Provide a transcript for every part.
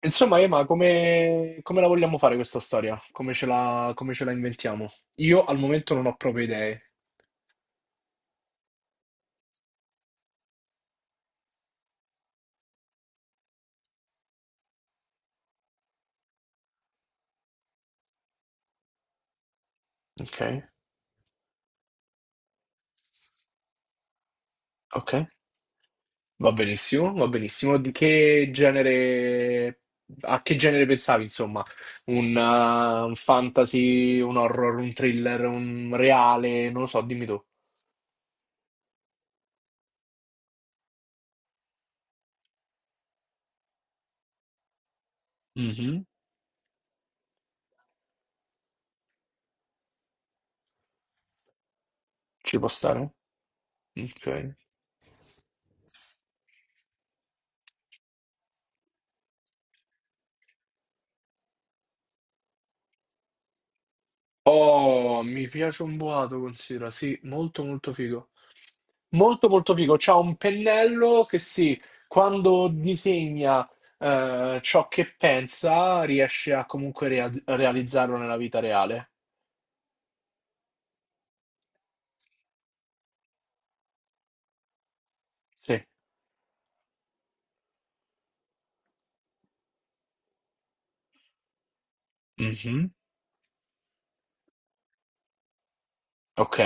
Insomma, Ema, come, come la vogliamo fare questa storia? Come ce la inventiamo? Io al momento non ho proprio idee. Ok, ok. Va benissimo, va benissimo. Di che genere, a che genere pensavi, insomma? Un fantasy, un horror, un thriller, un reale, non lo so, dimmi tu. Mhm. Ci può stare? Ok. Oh, mi piace un boato, considera, sì, molto molto figo. Molto molto figo. C'ha un pennello che sì, quando disegna ciò che pensa, riesce a comunque realizzarlo nella vita reale. Sì. Mhm. Ok,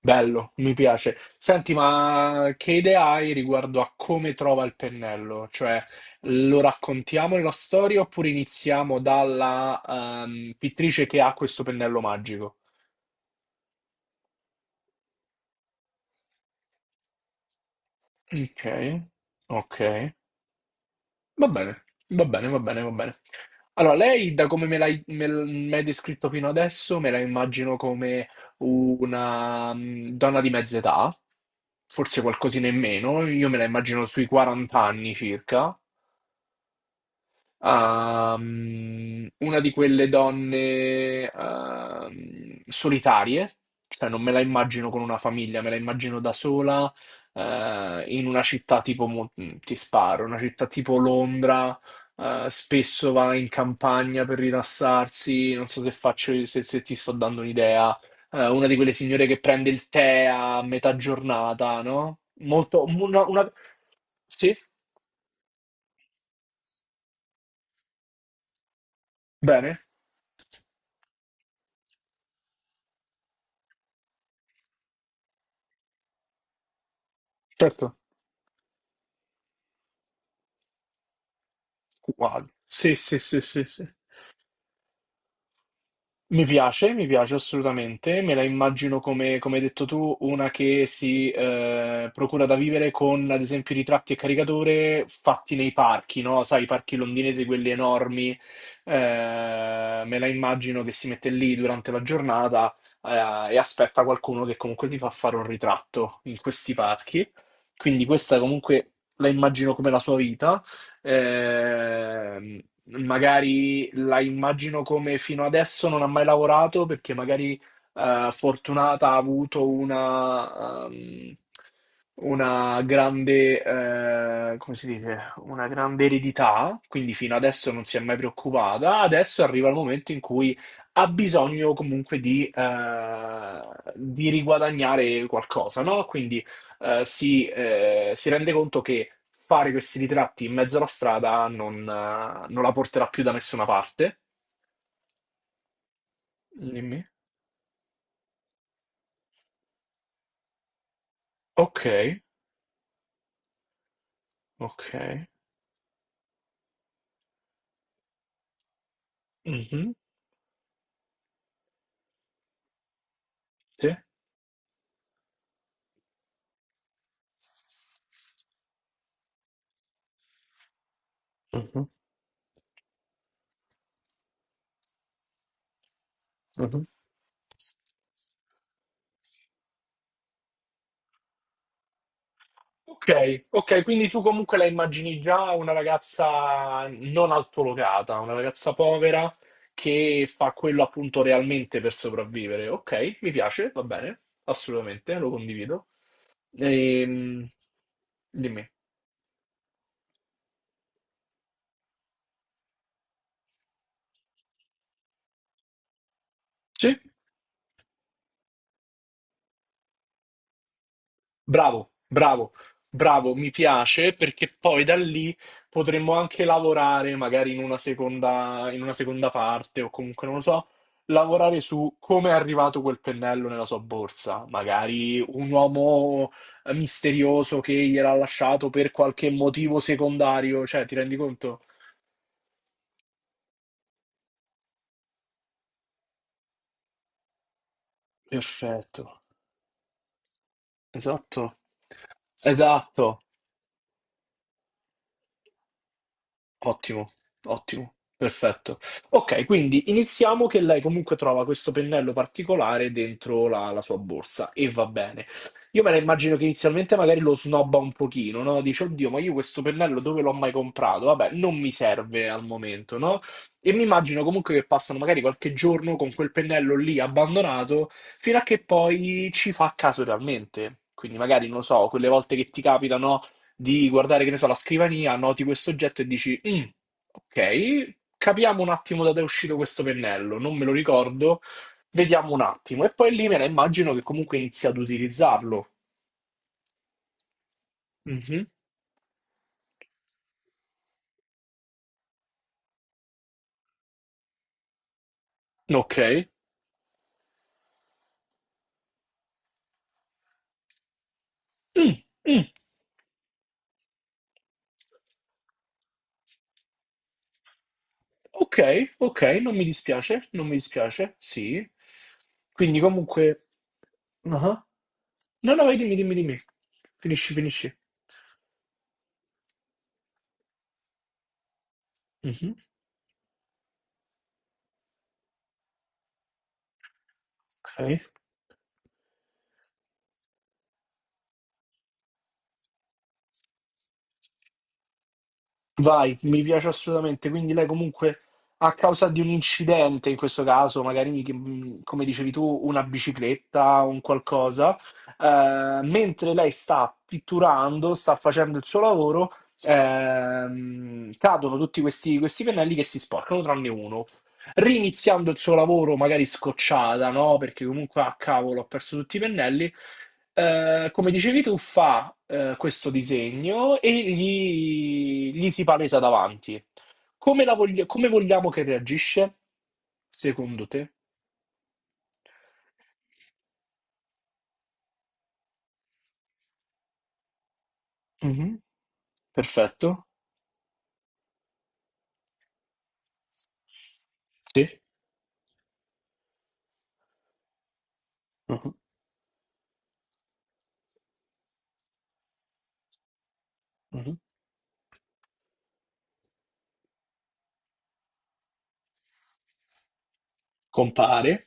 bello, mi piace. Senti, ma che idee hai riguardo a come trova il pennello? Cioè, lo raccontiamo nella storia oppure iniziamo dalla pittrice che ha questo pennello magico? Ok, ok, va bene, va bene. Allora, lei, da come me l'hai me l- mi hai descritto fino adesso, me la immagino come una donna di mezza età, forse qualcosina in meno, io me la immagino sui 40 anni circa, a, una di quelle donne solitarie, cioè non me la immagino con una famiglia, me la immagino da sola in una città tipo, ti sparo, una città tipo Londra, spesso va in campagna per rilassarsi, non so se faccio, se, se ti sto dando un'idea, una di quelle signore che prende il tè a metà giornata, no? Molto, una, una. Sì, bene, certo. Uguale. Sì, sì, sì, sì, sì. Mi piace assolutamente. Me la immagino come, come hai detto tu, una che si procura da vivere con, ad esempio, ritratti e caricatore fatti nei parchi, no? Sai, i parchi londinesi, quelli enormi. Me la immagino che si mette lì durante la giornata e aspetta qualcuno che comunque gli fa fare un ritratto in questi parchi. Quindi questa comunque la immagino come la sua vita. Ehm, magari la immagino come fino adesso non ha mai lavorato perché magari Fortunata ha avuto una grande, come si dice, una grande eredità, quindi fino adesso non si è mai preoccupata. Adesso arriva il momento in cui ha bisogno comunque di riguadagnare qualcosa, no? Quindi si rende conto che fare questi ritratti in mezzo alla strada non, non la porterà più da nessuna parte. Dimmi. Ok, ok. Mhm. Sì. Mhm, mhm. Ok, ok, quindi tu comunque la immagini già una ragazza non altolocata, una ragazza povera che fa quello appunto realmente per sopravvivere. Ok, mi piace, va bene, assolutamente, lo condivido. Ehm, dimmi. Sì? Bravo, bravo, bravo, mi piace perché poi da lì potremmo anche lavorare magari in una seconda parte o comunque non lo so, lavorare su come è arrivato quel pennello nella sua borsa, magari un uomo misterioso che gliel'ha lasciato per qualche motivo secondario, cioè ti rendi conto? Perfetto, esatto, esatto. Ottimo, ottimo, perfetto. Ok, quindi iniziamo che lei comunque trova questo pennello particolare dentro la, la sua borsa e va bene. Io me la immagino che inizialmente magari lo snobba un pochino, no? Dice, oddio, ma io questo pennello dove l'ho mai comprato? Vabbè, non mi serve al momento, no? E mi immagino comunque che passano magari qualche giorno con quel pennello lì abbandonato fino a che poi ci fa caso realmente. Quindi magari, non lo so, quelle volte che ti capitano di guardare, che ne so, la scrivania, noti questo oggetto e dici, "Mm, ok, capiamo un attimo da dove è uscito questo pennello, non me lo ricordo, vediamo un attimo. E poi lì me la immagino che comunque inizi ad utilizzarlo. Mhm. Ok. Mm, mm. Ok, ok, non mi dispiace, non mi dispiace, sì. Quindi comunque... ah. No, no, vai, dimmi, dimmi. Finisci, finisci. Mhm. Ok. Vai, mi piace assolutamente. Quindi lei comunque a causa di un incidente, in questo caso, magari come dicevi tu, una bicicletta o un qualcosa, mentre lei sta pitturando, sta facendo il suo lavoro, cadono tutti questi, questi pennelli che si sporcano, tranne uno riniziando il suo lavoro, magari scocciata, no? Perché comunque, ah, cavolo, ho perso tutti i pennelli. Come dicevi tu, fa questo disegno e gli si palesa davanti. Come, come vogliamo che reagisce, secondo te? Mhm. Perfetto. Sì. Mhm. Mhm. Compare.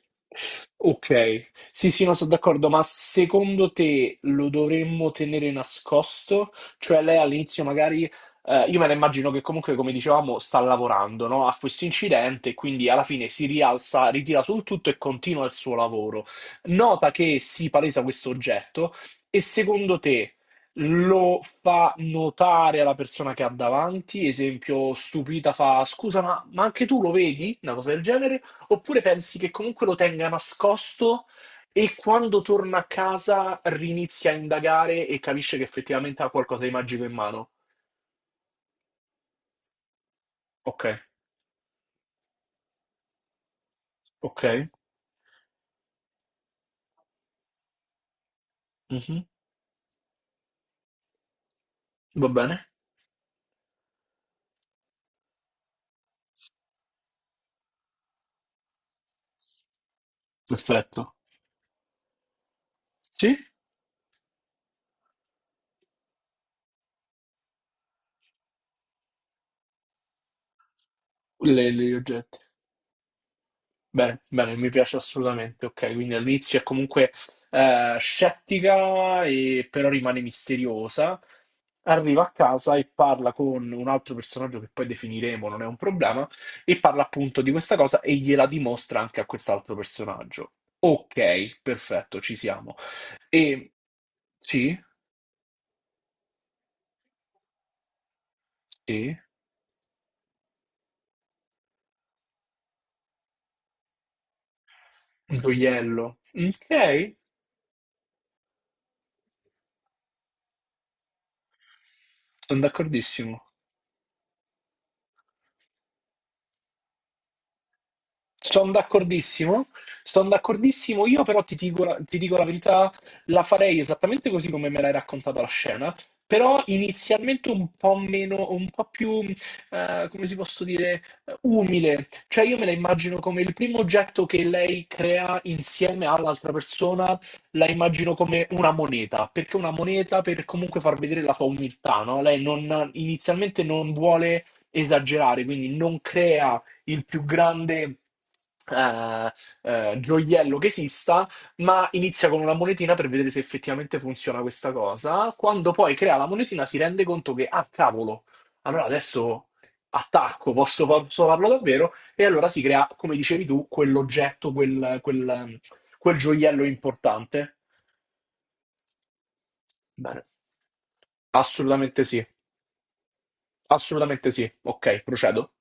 Ok, sì, sì, no, sono d'accordo, ma secondo te lo dovremmo tenere nascosto? Cioè lei all'inizio magari, io me la immagino che comunque, come dicevamo, sta lavorando, no, a questo incidente, quindi alla fine si rialza, ritira sul tutto e continua il suo lavoro. Nota che si palesa questo oggetto e secondo te lo fa notare alla persona che ha davanti? Esempio, stupita fa, scusa, ma anche tu lo vedi? Una cosa del genere? Oppure pensi che comunque lo tenga nascosto e quando torna a casa rinizia a indagare e capisce che effettivamente ha qualcosa di magico in mano? Ok, ok, mhm. Va bene, perfetto. Sì, le, gli oggetti. Bene, bene, mi piace assolutamente. Ok, quindi all'inizio è comunque scettica, e però rimane misteriosa. Arriva a casa e parla con un altro personaggio che poi definiremo, non è un problema, e parla appunto di questa cosa e gliela dimostra anche a quest'altro personaggio. Ok, perfetto, ci siamo. E sì, sì, un gioiello. Ok, sono d'accordissimo. Sono d'accordissimo, sono d'accordissimo, io però ti dico la verità, la farei esattamente così come me l'hai raccontata la scena, però inizialmente un po' meno, un po' più, come si posso dire, umile, cioè io me la immagino come il primo oggetto che lei crea insieme all'altra persona, la immagino come una moneta, perché una moneta per comunque far vedere la sua umiltà, no? Lei non- inizialmente non vuole esagerare, quindi non crea il più grande eh, gioiello che esista, ma inizia con una monetina per vedere se effettivamente funziona questa cosa. Quando poi crea la monetina si rende conto che, ah, cavolo, allora adesso attacco, posso, posso farlo davvero? E allora si crea, come dicevi tu, quell'oggetto, quel, quel, quel gioiello importante. Bene, assolutamente sì, assolutamente sì. Ok, procedo.